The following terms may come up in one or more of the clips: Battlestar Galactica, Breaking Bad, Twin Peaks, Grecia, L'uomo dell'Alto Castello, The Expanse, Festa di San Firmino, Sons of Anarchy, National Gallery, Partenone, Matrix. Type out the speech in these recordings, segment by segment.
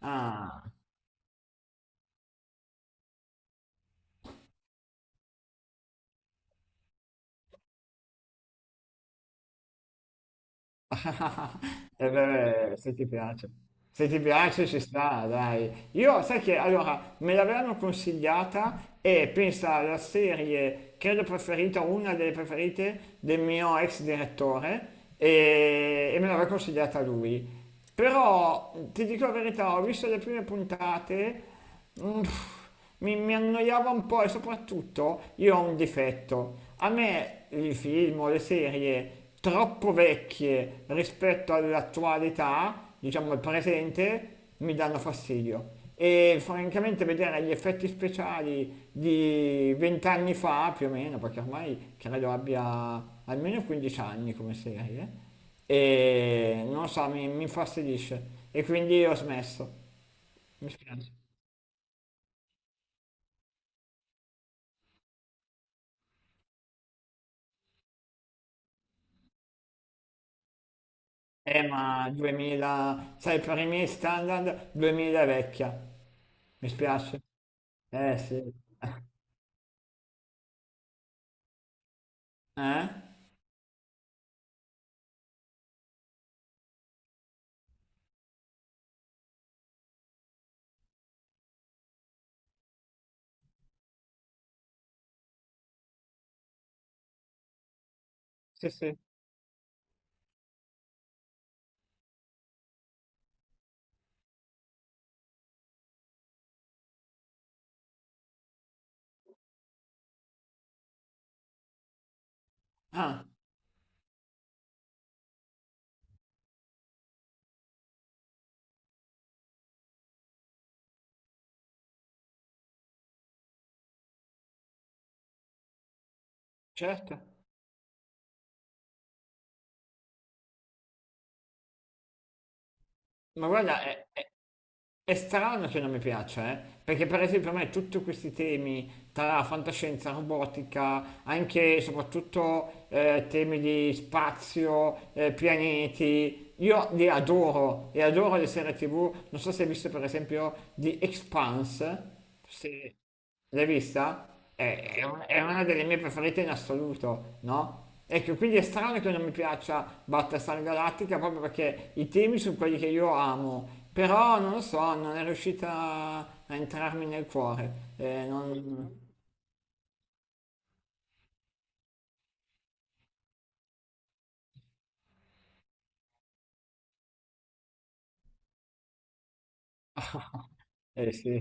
Ah, e beh, se ti piace. Se ti piace ci sta, dai. Io, sai che, allora, me l'avevano consigliata e pensa alla serie, credo preferita, una delle preferite del mio ex direttore e me l'aveva consigliata lui. Però, ti dico la verità, ho visto le prime puntate, mm, mi annoiava un po' e soprattutto io ho un difetto. A me i film o le serie troppo vecchie rispetto all'attualità, diciamo al presente, mi danno fastidio. E francamente vedere gli effetti speciali di vent'anni fa, più o meno, perché ormai credo abbia almeno 15 anni come serie, e non so, mi infastidisce. E quindi ho smesso. Mi spiace. Ma 2000, sai, per i miei standard 2000 è vecchia, mi spiace. Eh sì. Eh? Sì, sì. Ah, certo. Ma guarda, è strano che non mi piaccia, eh? Perché per esempio a me tutti questi temi tra fantascienza, robotica, anche e soprattutto temi di spazio, pianeti, io li adoro e adoro le serie TV. Non so se hai visto per esempio The Expanse. Sì. L'hai vista? È una delle mie preferite in assoluto, no? Ecco, quindi è strano che non mi piaccia Battlestar Galactica proprio perché i temi sono quelli che io amo, però non lo so, non è riuscita a entrarmi nel cuore. Non... eh sì,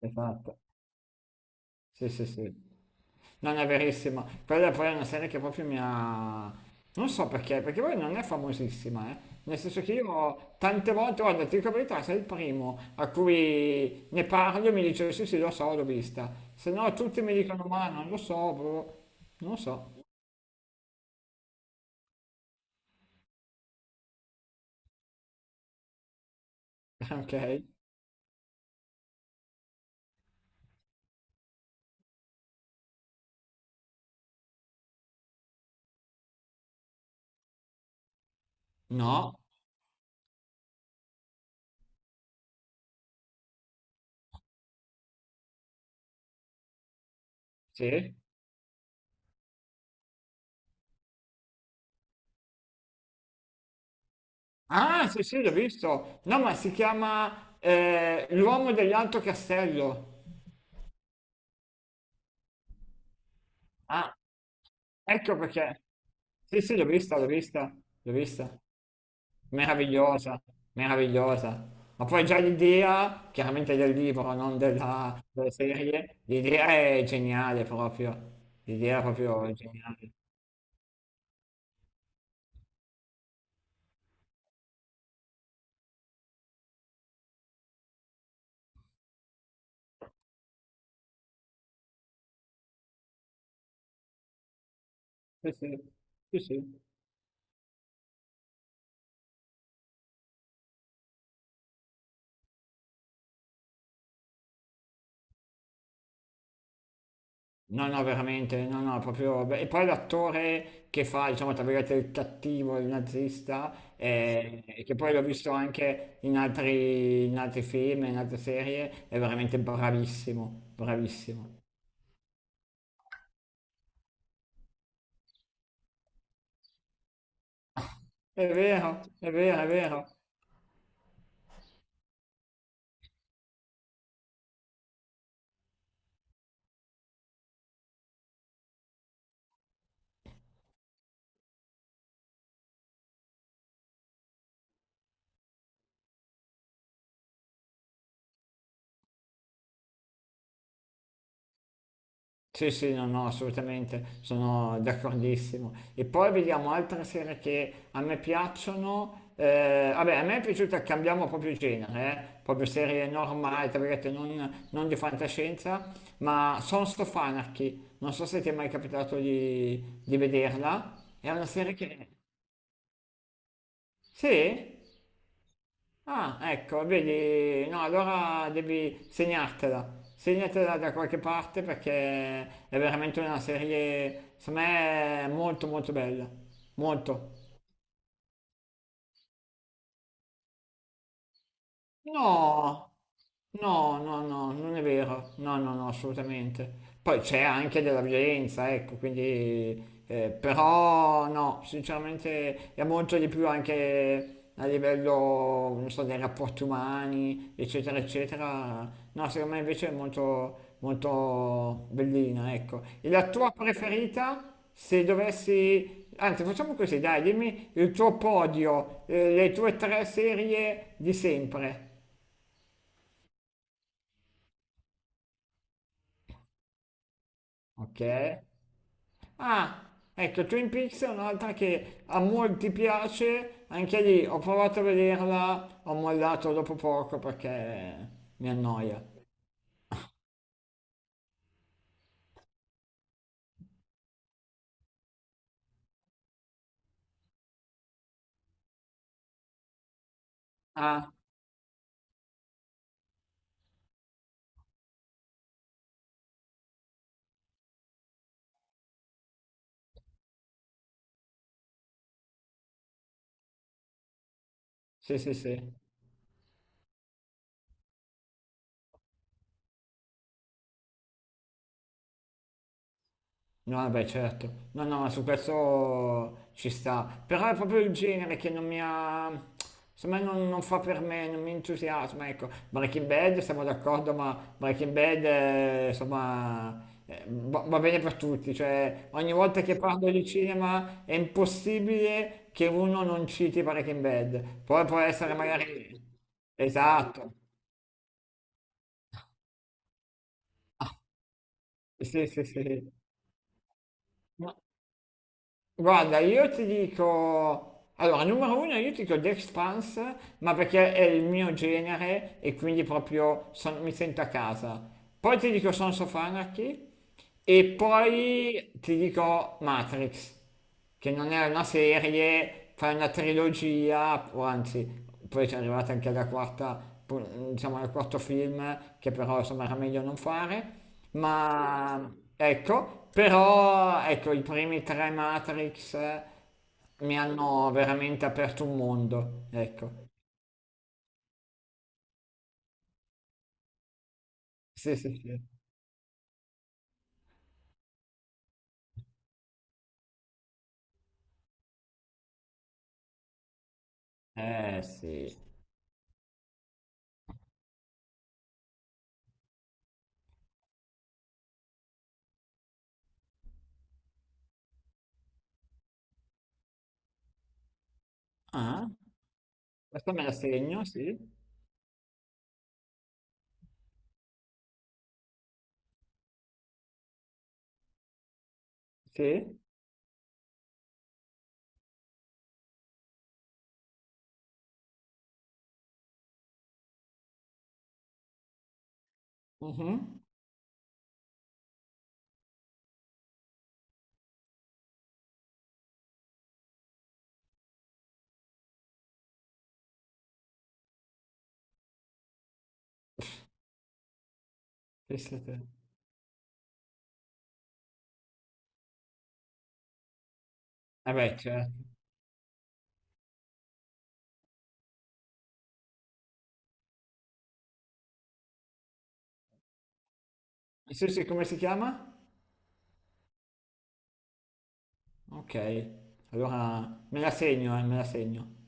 esatto. Sì, sì, sì. Non è verissimo. Quella poi è una serie che proprio mi ha. Non so perché, perché poi non è famosissima, eh. Nel senso che io tante volte, guarda, ti dico la verità, sei il primo a cui ne parlo e mi dice sì sì lo so, l'ho vista. Se no tutti mi dicono ma non lo so, boh. Non lo so. Ok. No. Sì. Ah sì sì, l'ho visto. No, ma si chiama L'uomo dell'Alto Castello. Ah, ecco perché. Sì sì, l'ho vista, l'ho vista, l'ho vista. Meravigliosa, meravigliosa. Ma poi già l'idea, chiaramente del libro, non della serie, l'idea è geniale proprio. L'idea è proprio geniale. Sì, sì, sì, sì. No, no, veramente, no, no, proprio. Beh, e poi l'attore che fa, diciamo, tra virgolette, il cattivo, il nazista, e che poi l'ho visto anche in altri, film, in altre serie, è veramente bravissimo, bravissimo. È vero, è vero, è vero. Sì, sì, no, no, assolutamente, sono d'accordissimo. E poi vediamo altre serie che a me piacciono. Eh, vabbè, a me è piaciuta, cambiamo proprio genere, proprio serie normali, tra virgolette, non di fantascienza, ma Sons of Anarchy. Non so se ti è mai capitato di vederla. È una serie che. Sì? Ah, ecco, vedi, no, allora devi segnartela, segnatela da qualche parte perché è veramente una serie, secondo me, molto molto bella, molto. No, no, no, no, non è vero, no, no, no, assolutamente. Poi c'è anche della violenza, ecco, quindi, però no, sinceramente è molto di più anche a livello, non so, dei rapporti umani, eccetera, eccetera. No, secondo me invece è molto, molto bellina, ecco. E la tua preferita, se dovessi, anzi, facciamo così, dai, dimmi il tuo podio, le tue tre serie di sempre. Ok. Ah, ecco, Twin Peaks è un'altra che a molti piace, anche lì ho provato a vederla, ho mollato dopo poco perché mi annoia. Ah, sì, sì, sì. No, vabbè, certo. No, no, ma su questo ci sta. Però è proprio il genere che non mi ha. Insomma, non fa per me, non mi entusiasma, ecco. Breaking Bad, siamo d'accordo, ma Breaking Bad, insomma, va bene per tutti. Cioè, ogni volta che parlo di cinema è impossibile che uno non citi Breaking Bad. Poi può essere magari. Esatto, sì, sì, sì. No, guarda, io ti dico, allora, numero uno, io ti dico The Expanse, ma perché è il mio genere e quindi proprio mi sento a casa. Poi ti dico Sons of Anarchy e poi ti dico Matrix, che non è una serie, fa una trilogia, o anzi, poi c'è arrivata anche la quarta, diciamo al quarto film, che però insomma era meglio non fare, ma ecco, però ecco, i primi tre Matrix mi hanno veramente aperto un mondo, ecco. Sì, sì, sì. Eh sì. Ah, questo me la segno, sì. Sì? Mhm. Pensa te. Eh beh, certo. Sì, sì, come si chiama? Ok, allora me la segno, me la segno.